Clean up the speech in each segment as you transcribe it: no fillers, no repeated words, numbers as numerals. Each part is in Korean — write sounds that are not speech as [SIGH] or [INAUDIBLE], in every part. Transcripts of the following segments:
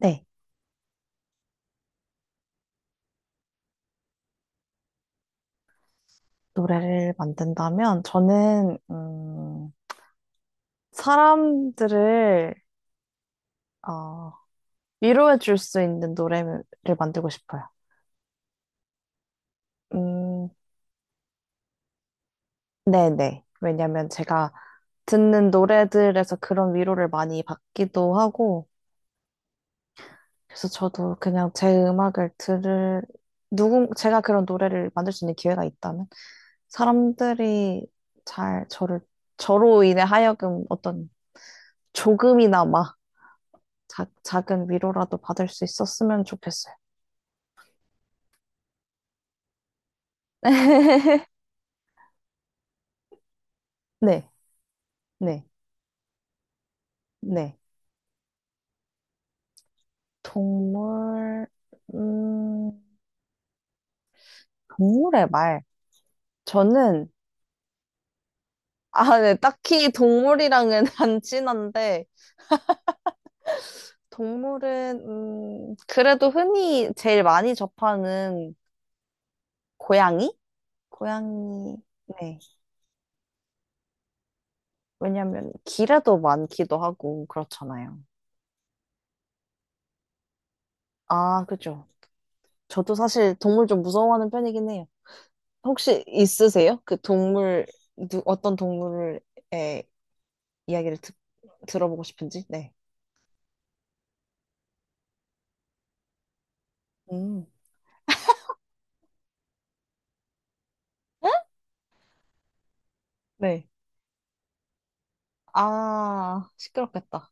네, 노래를 만든다면 저는 사람들을 어, 위로해 줄 수 있는 노래를 만들고 싶어요. 음, 네네. 왜냐면 제가 듣는 노래들에서 그런 위로를 많이 받기도 하고, 그래서 저도 그냥 제 음악을 제가 그런 노래를 만들 수 있는 기회가 있다면, 사람들이 잘 저로 인해 하여금 어떤 조금이나마 작은 위로라도 받을 수 있었으면 좋겠어요. 네, 네, 네. 동물, 음, 동물의 말. 저는, 네, 딱히 동물이랑은 [LAUGHS] 안 친한데, 동물은, 그래도 흔히 제일 많이 접하는 고양이? 고양이, 네. 왜냐면, 길에도 많기도 하고, 그렇잖아요. 아, 그죠. 저도 사실 동물 좀 무서워하는 편이긴 해요. 혹시 있으세요? 어떤 동물의 이야기를 들어보고 싶은지? 네. 음. 네. 아, 시끄럽겠다.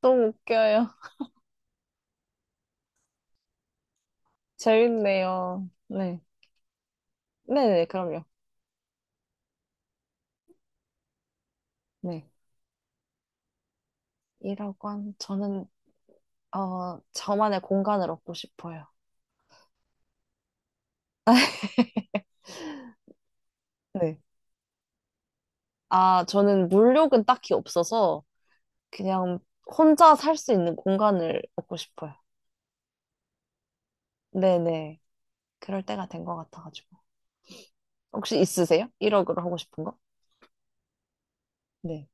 너무 웃겨요. 재밌네요. 네. 네네, 그럼요. 네. 이라고 한, 저는, 어, 저만의 공간을 얻고 싶어요. 네. 아, 저는 물욕은 딱히 없어서 그냥 혼자 살 수 있는 공간을 얻고 싶어요. 네네. 그럴 때가 된 것 같아가지고. 혹시 있으세요? 1억으로 하고 싶은 거? 네.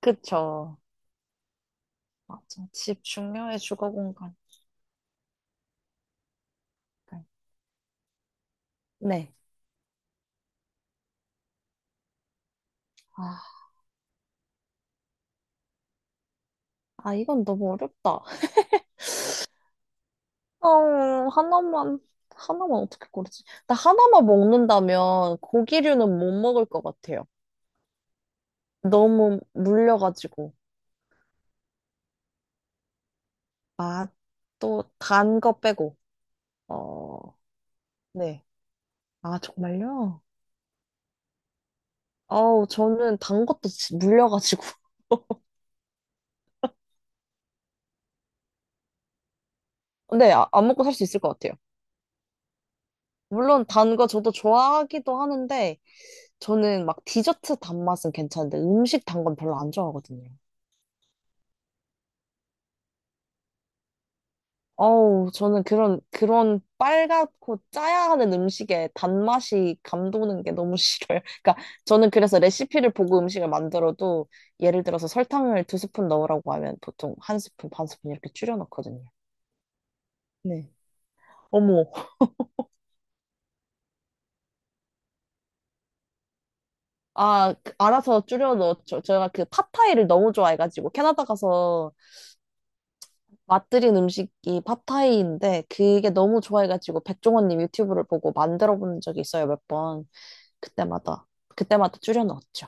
그쵸. 맞아. 집 중요해, 주거 공간. 네. 아, 아, 이건 너무 어렵다. 어, 하나만, 하나만 어떻게 고르지? 나 하나만 먹는다면 고기류는 못 먹을 것 같아요. 너무 물려가지고. 아, 또 단 거 빼고. 어, 네. 아, 정말요? 어우, 저는 단 것도 물려가지고. [LAUGHS] 네, 안 먹고 살 수 있을 것 같아요. 물론 단 거 저도 좋아하기도 하는데, 저는 막 디저트 단맛은 괜찮은데 음식 단건 별로 안 좋아하거든요. 어우, 저는 그런 빨갛고 짜야 하는 음식에 단맛이 감도는 게 너무 싫어요. [LAUGHS] 그러니까 저는 그래서 레시피를 보고 음식을 만들어도 예를 들어서 설탕을 두 스푼 넣으라고 하면 보통 한 스푼, 반 스푼 이렇게 줄여 넣거든요. 네. 어머, 알아서 줄여 넣었죠. 제가 그 팟타이를 너무 좋아해가지고 캐나다 가서 맛들인 음식이 팟타이인데 그게 너무 좋아해가지고 백종원님 유튜브를 보고 만들어 본 적이 있어요 몇 번. 그때마다 그때마다 줄여 넣었죠.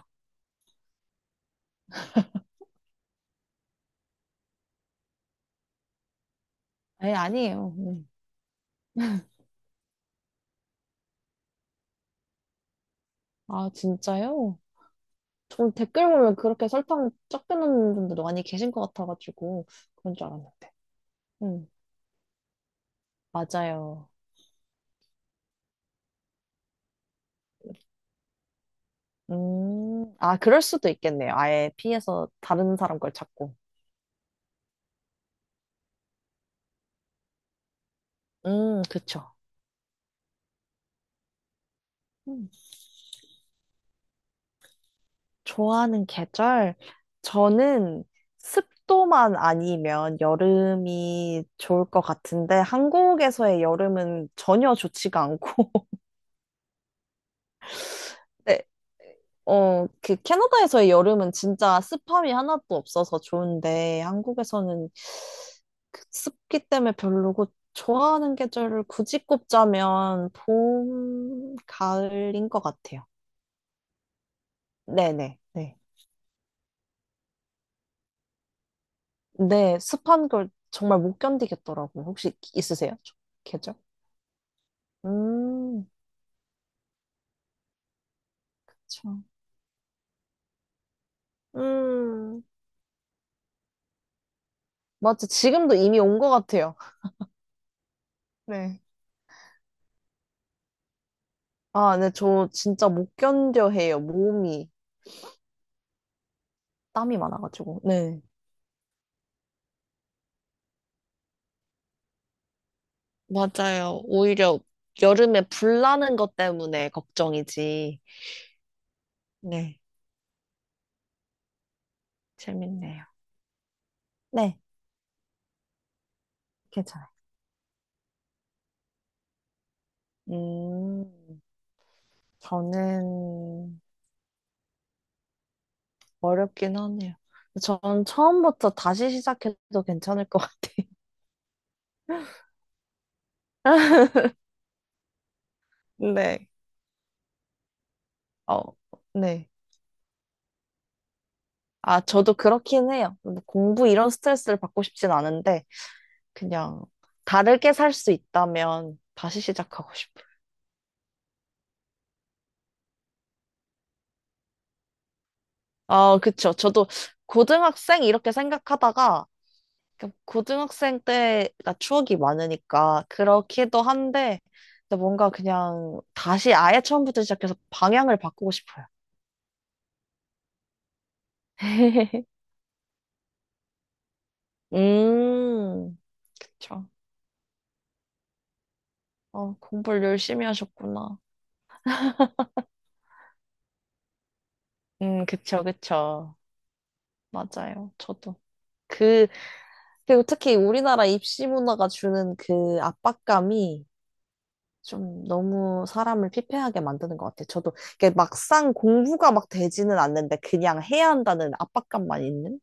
에 아니에요. 네. 아 진짜요? 전 댓글 보면 그렇게 설탕 적게 넣는 분들도 많이 계신 것 같아가지고 그런 줄 알았는데. 음 맞아요. 그럴 수도 있겠네요. 아예 피해서 다른 사람 걸 찾고. 그쵸. 좋아하는 계절? 저는 습도만 아니면 여름이 좋을 것 같은데, 한국에서의 여름은 전혀 좋지가 않고, [LAUGHS] 네, 그 캐나다에서의 여름은 진짜 습함이 하나도 없어서 좋은데, 한국에서는 그 습기 때문에 별로고, 좋아하는 계절을 굳이 꼽자면 봄, 가을인 것 같아요. 네네. 네. 네, 습한 걸 정말 못 견디겠더라고요. 혹시 있으세요? 계절? 음, 그쵸. 음, 맞지. 지금도 이미 온 것 같아요. 네. 네, 저 진짜 못 견뎌 해요. 몸이 땀이 많아가지고. 네. 맞아요. 오히려, 여름에 불 나는 것 때문에 걱정이지. 네. 재밌네요. 네, 괜찮아요. 음, 저는 어렵긴 하네요. 전 처음부터 다시 시작해도 괜찮을 것 같아요. [LAUGHS] 네. 어, 네. 아, 저도 그렇긴 해요. 뭐 공부 이런 스트레스를 받고 싶진 않은데, 그냥 다르게 살 수 있다면 다시 시작하고 싶어요. 아, 그쵸. 저도 고등학생 이렇게 생각하다가, 그러니까 고등학생 때가 추억이 많으니까, 그렇기도 한데, 근데 뭔가 그냥 다시 아예 처음부터 시작해서 방향을 바꾸고 싶어요. [LAUGHS] 음, 그쵸. 공부를 열심히 하셨구나. 그쵸, 그쵸. 맞아요. 저도. 그, 그리고 특히 우리나라 입시 문화가 주는 그 압박감이 좀 너무 사람을 피폐하게 만드는 것 같아요. 저도 이게 막상 공부가 막 되지는 않는데 그냥 해야 한다는 압박감만 있는?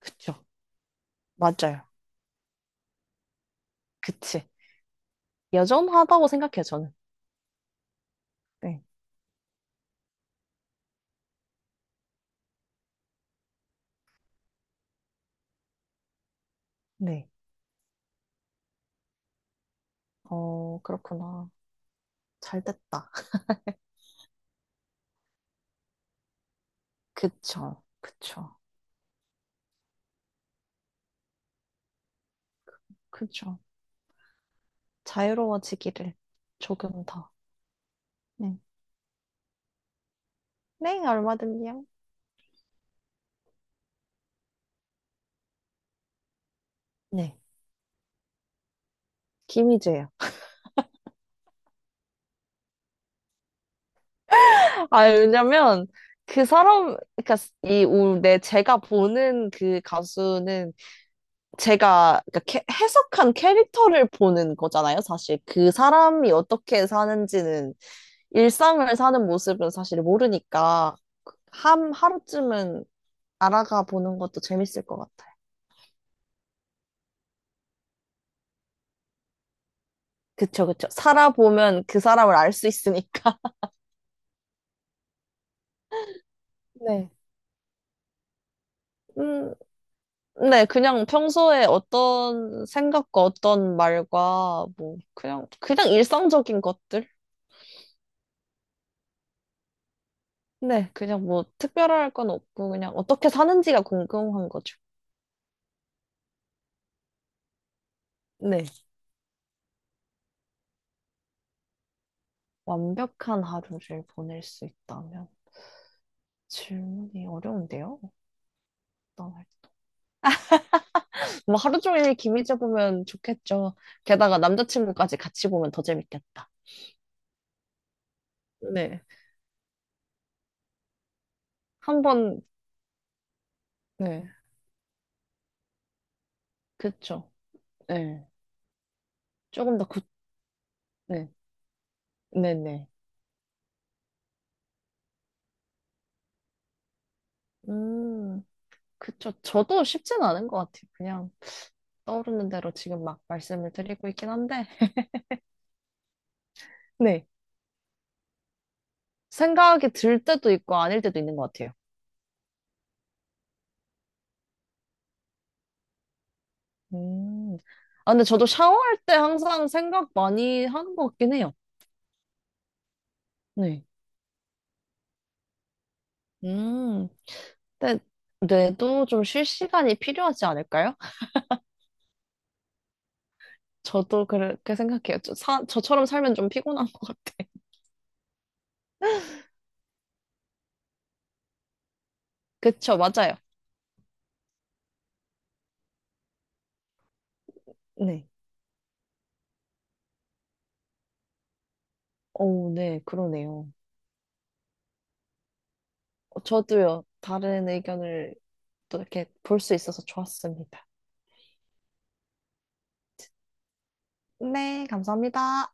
그쵸. 맞아요. 그치. 여전하다고 생각해요, 저는. 네. 네. 그렇구나. 잘 됐다. 그쵸. 그쵸. 그쵸. 자유로워지기를 조금 더. 네. 네, 얼마든지요. 네. 김희재요. 아, 왜냐면 그 사람, 그러니까 이 우- 내 제가 보는 그 가수는 제가 그러니까 해석한 캐릭터를 보는 거잖아요. 사실 그 사람이 어떻게 사는지는 일상을 사는 모습은 사실 모르니까 한 하루쯤은 알아가 보는 것도 재밌을 것 같아요. 그쵸, 그쵸. 살아보면 그 사람을 알 수 있으니까. [LAUGHS] 네. 음, 네, 그냥 평소에 어떤 생각과 어떤 말과 뭐 그냥 일상적인 것들? 네, 그냥 뭐 특별할 건 없고 그냥 어떻게 사는지가 궁금한 거죠. 네. 완벽한 하루를 보낼 수 있다면 질문이 어려운데요. 어떤 할- 뭐 하루 종일 김희재 보면 좋겠죠. 게다가 남자친구까지 같이 보면 더 재밌겠다. 네. 한번 네. 그쵸. 네. 조금 더 굳, 네. 네네. 음. 그쵸. 저도 쉽진 않은 것 같아요. 그냥 떠오르는 대로 지금 막 말씀을 드리고 있긴 한데, 네. 생각이 들 때도 있고 아닐 때도 있는 것 같아요. 음. 근데 저도 샤워할 때 항상 생각 많이 하는 것 같긴 해요. 네. 음. 근데 뇌도 좀 쉴 시간이 필요하지 않을까요? 저도 그렇게 생각해요. 저처럼 살면 좀 피곤한 것 같아. [LAUGHS] 그쵸, 맞아요. 네. 오, 네, 그러네요. 저도요, 다른 의견을 또 이렇게 볼 수 있어서 좋았습니다. 네, 감사합니다.